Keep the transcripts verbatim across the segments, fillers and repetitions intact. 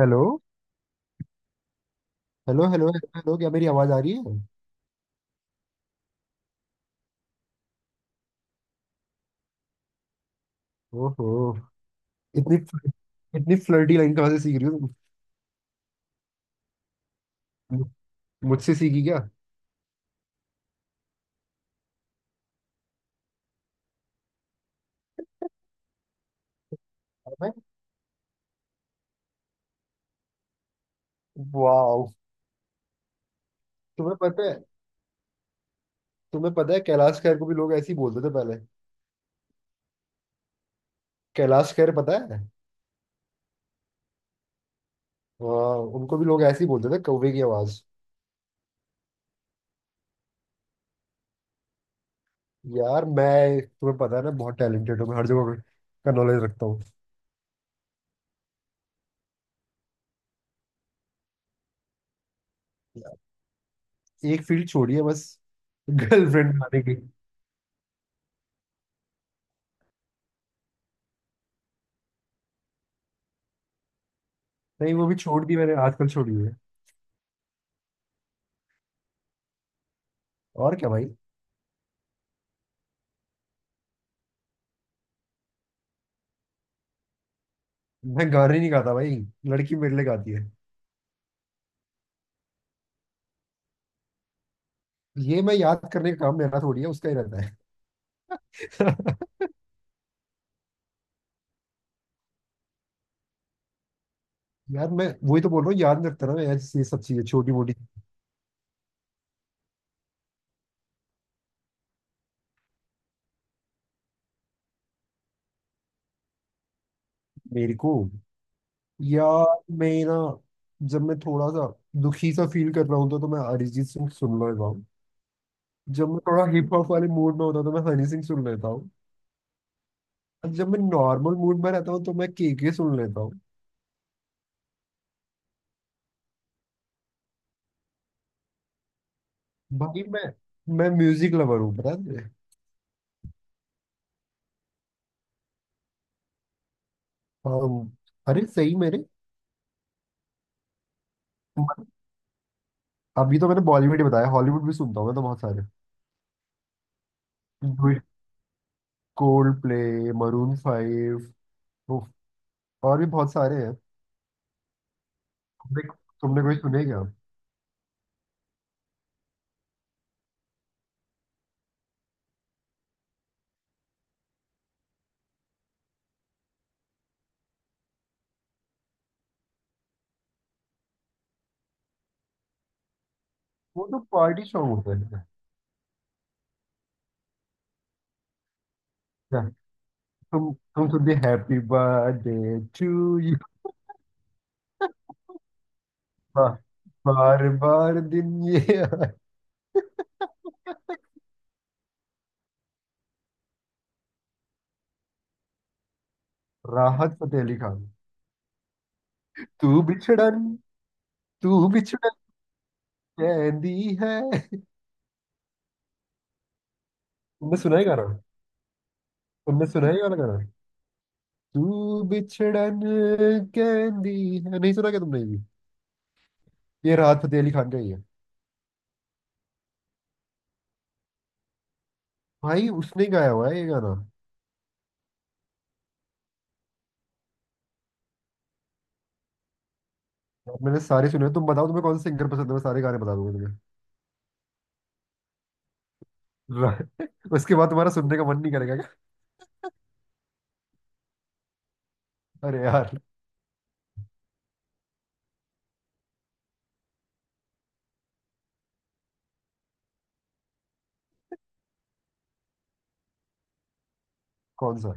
Hello hello hello hello hello, क्या मेरी आवाज आ रही है? ओहो। इतनी फ्ल- इतनी फ्लर्टी लाइन कहाँ से सीख रही हो तुम? मु- मुझसे सीखी क्या? मैं वाओ। तुम्हें पता है, तुम्हें पता है कैलाश खैर को भी लोग ऐसे ही बोलते थे पहले। कैलाश खैर पता है। हाँ उनको भी लोग ऐसे ही बोलते थे, कौवे की आवाज। यार मैं, तुम्हें पता है ना, बहुत टैलेंटेड हूँ मैं, हर जगह का नॉलेज रखता हूँ। एक फील्ड छोड़ी है बस। गर्लफ्रेंड बनाने की। नहीं वो भी छोड़ दी मैंने, आजकल छोड़ी है। और क्या भाई। मैं गाने नहीं गाता भाई, लड़की मेरे लिए गाती है। ये मैं याद करने का काम मेरा थोड़ी है, उसका ही रहता है। यार मैं वही तो बोल रहा हूँ, याद नहीं रखता ना मैं यार ये सब चीजें छोटी मोटी। मेरे को। यार मैं ना, जब मैं थोड़ा सा दुखी सा फील कर रहा हूँ तो, तो मैं अरिजीत सिंह सुन लेता हूँ। जब मैं थोड़ा हिप हॉप वाले मूड में होता हूँ तो मैं हनी सिंह सुन लेता हूँ। और जब मैं नॉर्मल मूड में रहता हूँ तो मैं के सुन लेता हूँ। भाई मैं मैं म्यूजिक लवर हूँ, पता है तुझे? हाँ अरे सही मेरे। अभी तो मैंने बॉलीवुड ही बताया, हॉलीवुड भी सुनता हूँ मैं तो, बहुत सारे। कोल्ड प्ले, मरून फाइव, और भी बहुत सारे हैं। तुमने तुमने कोई सुने क्या? वो तो पार्टी सॉन्ग होते हैं। क्या? तुम तुम सुनते हैप्पी बर्थडे टू यू, बार बार दिन ये आए। राहत फतेह अली खान। तू बिछड़न, तू बिछड़न कहती है। तुमने सुना है गाना? तुमने सुना है ये वाला गाना तू बिछड़न कहती है? नहीं सुना क्या तुमने ये भी? ये राहत फतेह अली खान का ही है। भाई उसने ही गाया हुआ है ये गाना। और मैंने सारे सुने हैं। तुम बताओ तुम्हें कौन से सिंगर पसंद है, मैं सारे गाने बता दूंगा तुम्हें। रा- उसके बाद तुम्हारा सुनने का मन नहीं करेगा क्या? अरे यार कौन सा।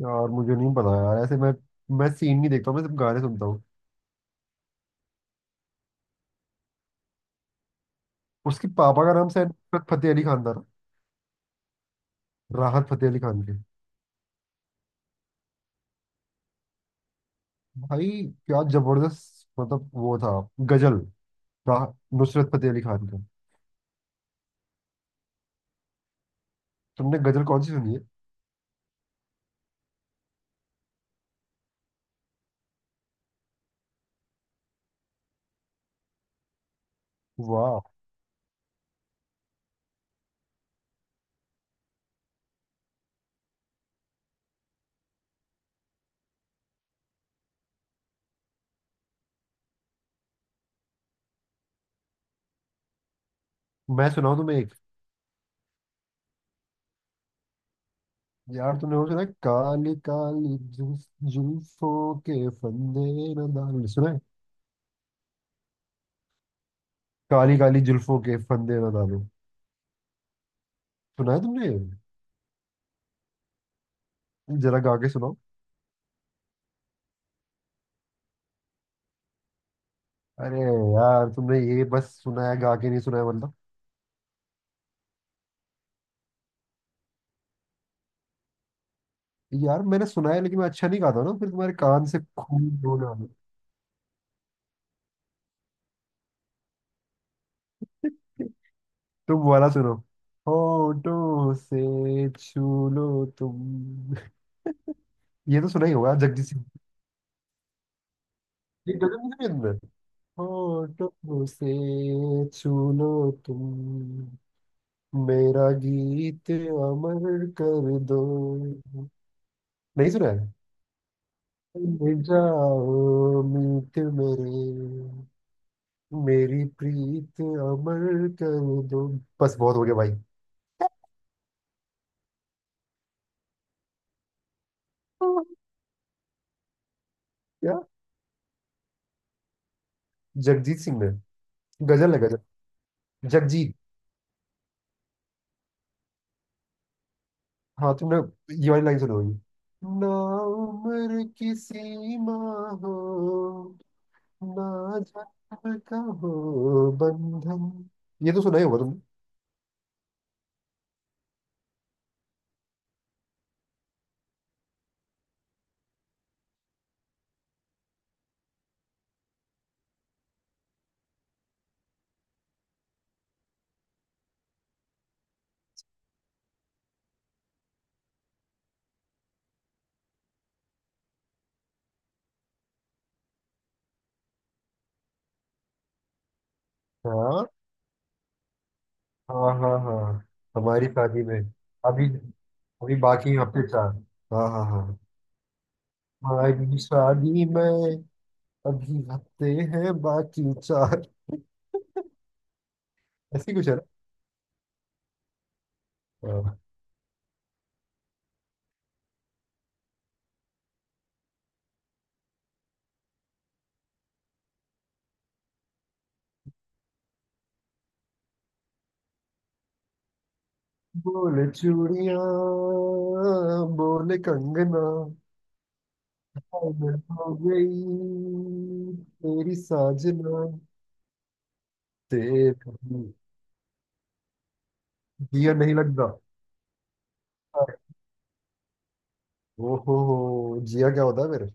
यार मुझे नहीं पता यार, ऐसे मैं मैं सीन नहीं देखता हूँ, मैं सिर्फ गाने सुनता हूँ। उसके पापा का नाम शायद नुसरत फतेह अली खान था ना? राहत फतेह अली खान के। भाई क्या जबरदस्त, मतलब वो था गजल, राह, नुसरत फतेह अली खान का। तुमने गजल कौन सी सुनी है? वाह। मैं सुनाऊँ तुम्हें एक, यार तूने वो सुना है? काली काली जुल्फ, जुल्फों के फंदे न डालो, सुना है? काली काली जुल्फों के फंदे न डालो, सुना है तुमने? जरा गा के सुनाओ। अरे यार तुमने ये बस सुना है, गा के नहीं सुना है मतलब। यार मैंने सुना है लेकिन मैं अच्छा नहीं गाता ना, फिर तुम्हारे कान से खून बोला। तुम वाला सुनो। होठों से छू लो तुम, ये तो सुना ही होगा, जगजीत सिंह। ये गजल नहीं सुनी तुमने? होठों से छू लो तुम, मेरा गीत अमर कर दो। नहीं सुना है। मिल जाओ मीत मेरे, मेरी प्रीत अमर कर दो। बस बहुत हो गया भाई। क्या? जगजीत सिंह ने। गजल है गजल। जगजीत। हाँ तुमने ये वाली लाइन सुनी होगी ना, उम्र की सीमा हो ना, जाने का हो बंधन, ये तो सुना ही होगा तुमने। हाँ हाँ हाँ हाँ। हमारी शादी में अभी, अभी बाकी हफ्ते चार। हाँ हाँ हाँ। हमारी शादी में अभी हफ्ते हैं बाकी चार। ऐसी कुछ है ना। हाँ। बोले चूड़िया, बोले कंगना, पागल हो गई तेरी साजना, तेरी, दिया नहीं लगता। ओहो। जिया क्या होता है फिर?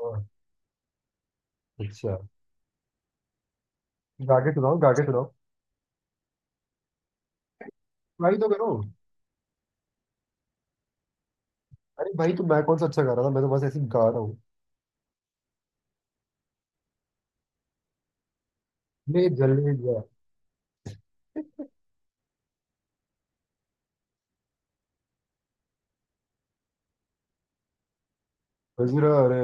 वाह, अच्छा। गा के सुनाओ, गा के सुनाओ। भाई तो करो। अरे भाई तो मैं कौन सा अच्छा गा रहा था, मैं तो बस ऐसे ही गा रहा हूँ। ले जल ले गया। कजरा रे,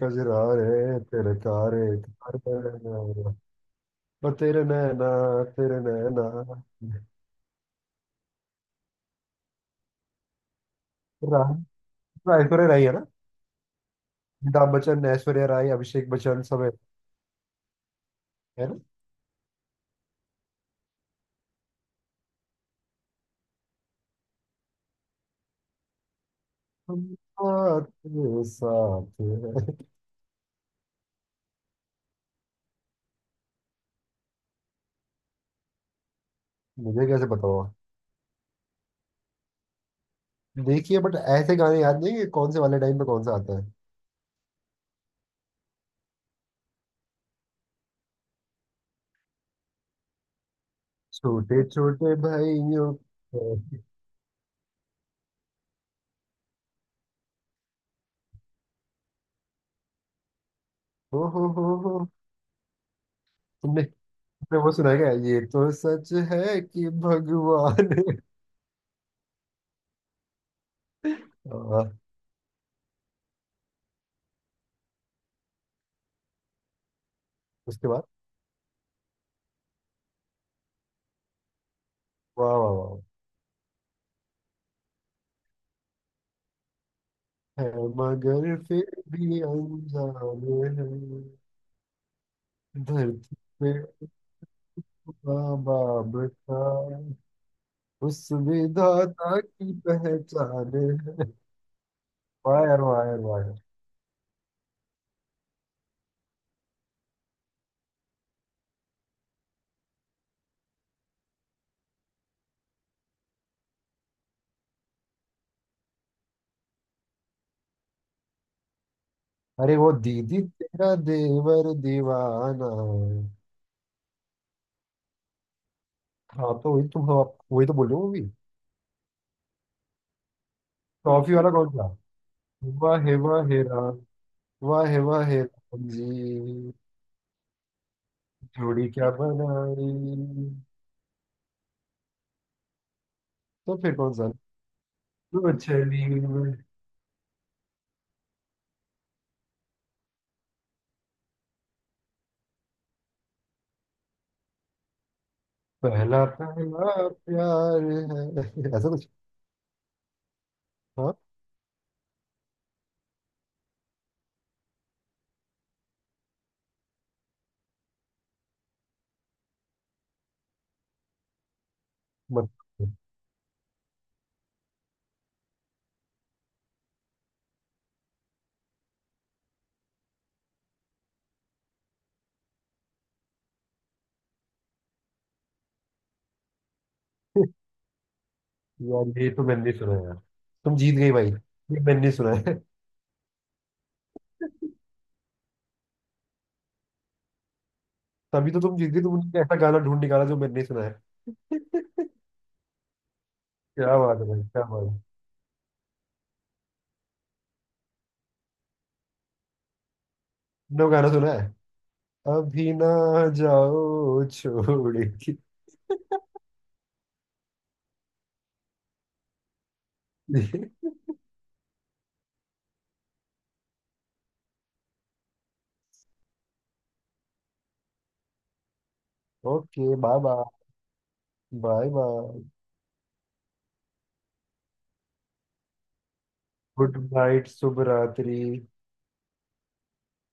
कजरा रे तेरे कारे कारे, और तेरे नैना, तेरे नैना। राय। ऐश्वर्या राय है ना? अमिताभ बच्चन, ऐश्वर्या राय, अभिषेक बच्चन, सब है। है ना? हम साथ साथ हैं। मुझे कैसे बताओ? देखिए बट ऐसे गाने याद नहीं है, कौन से वाले टाइम पे कौन सा आता है। छोटे छोटे भाइयों के- ओ हो हो हो। तुमने, तुमने वो सुना है क्या ये तो सच है कि भगवान? हाँ, उसके बाद। वाह वाह वाह। है मगर फिर भी अनजाने हैं, धरती पे उठा बाप का, उस विधाता की पहचान है। वाह यार वाह यार वाह यार। अरे वो दीदी तेरा देवर दीवाना। हाँ तो वही, तुम हम आप- वही तो बोल रहे हो मूवी। टॉफी वाला कौन था? वाह हे वाह हे राम, वाह हे वाह हे राम जी। जोड़ी क्या बनाई? तो फिर कौन सा? तू चली मैं, पहला पहला प्यार है, ऐसा कुछ। हाँ मत। यार ये तो मैंने नहीं सुना यार। तुम जीत गई भाई, ये मैंने नहीं सुना है। तभी तो तुम जीत गई, तुमने ऐसा गाना ढूंढ निकाला जो मैंने नहीं सुना है। क्या बात है भाई क्या बात है। नो गाना सुना है अभी ना, जाओ छोड़ के। Okay bye bye, bye bye, good night, शुभ रात्रि।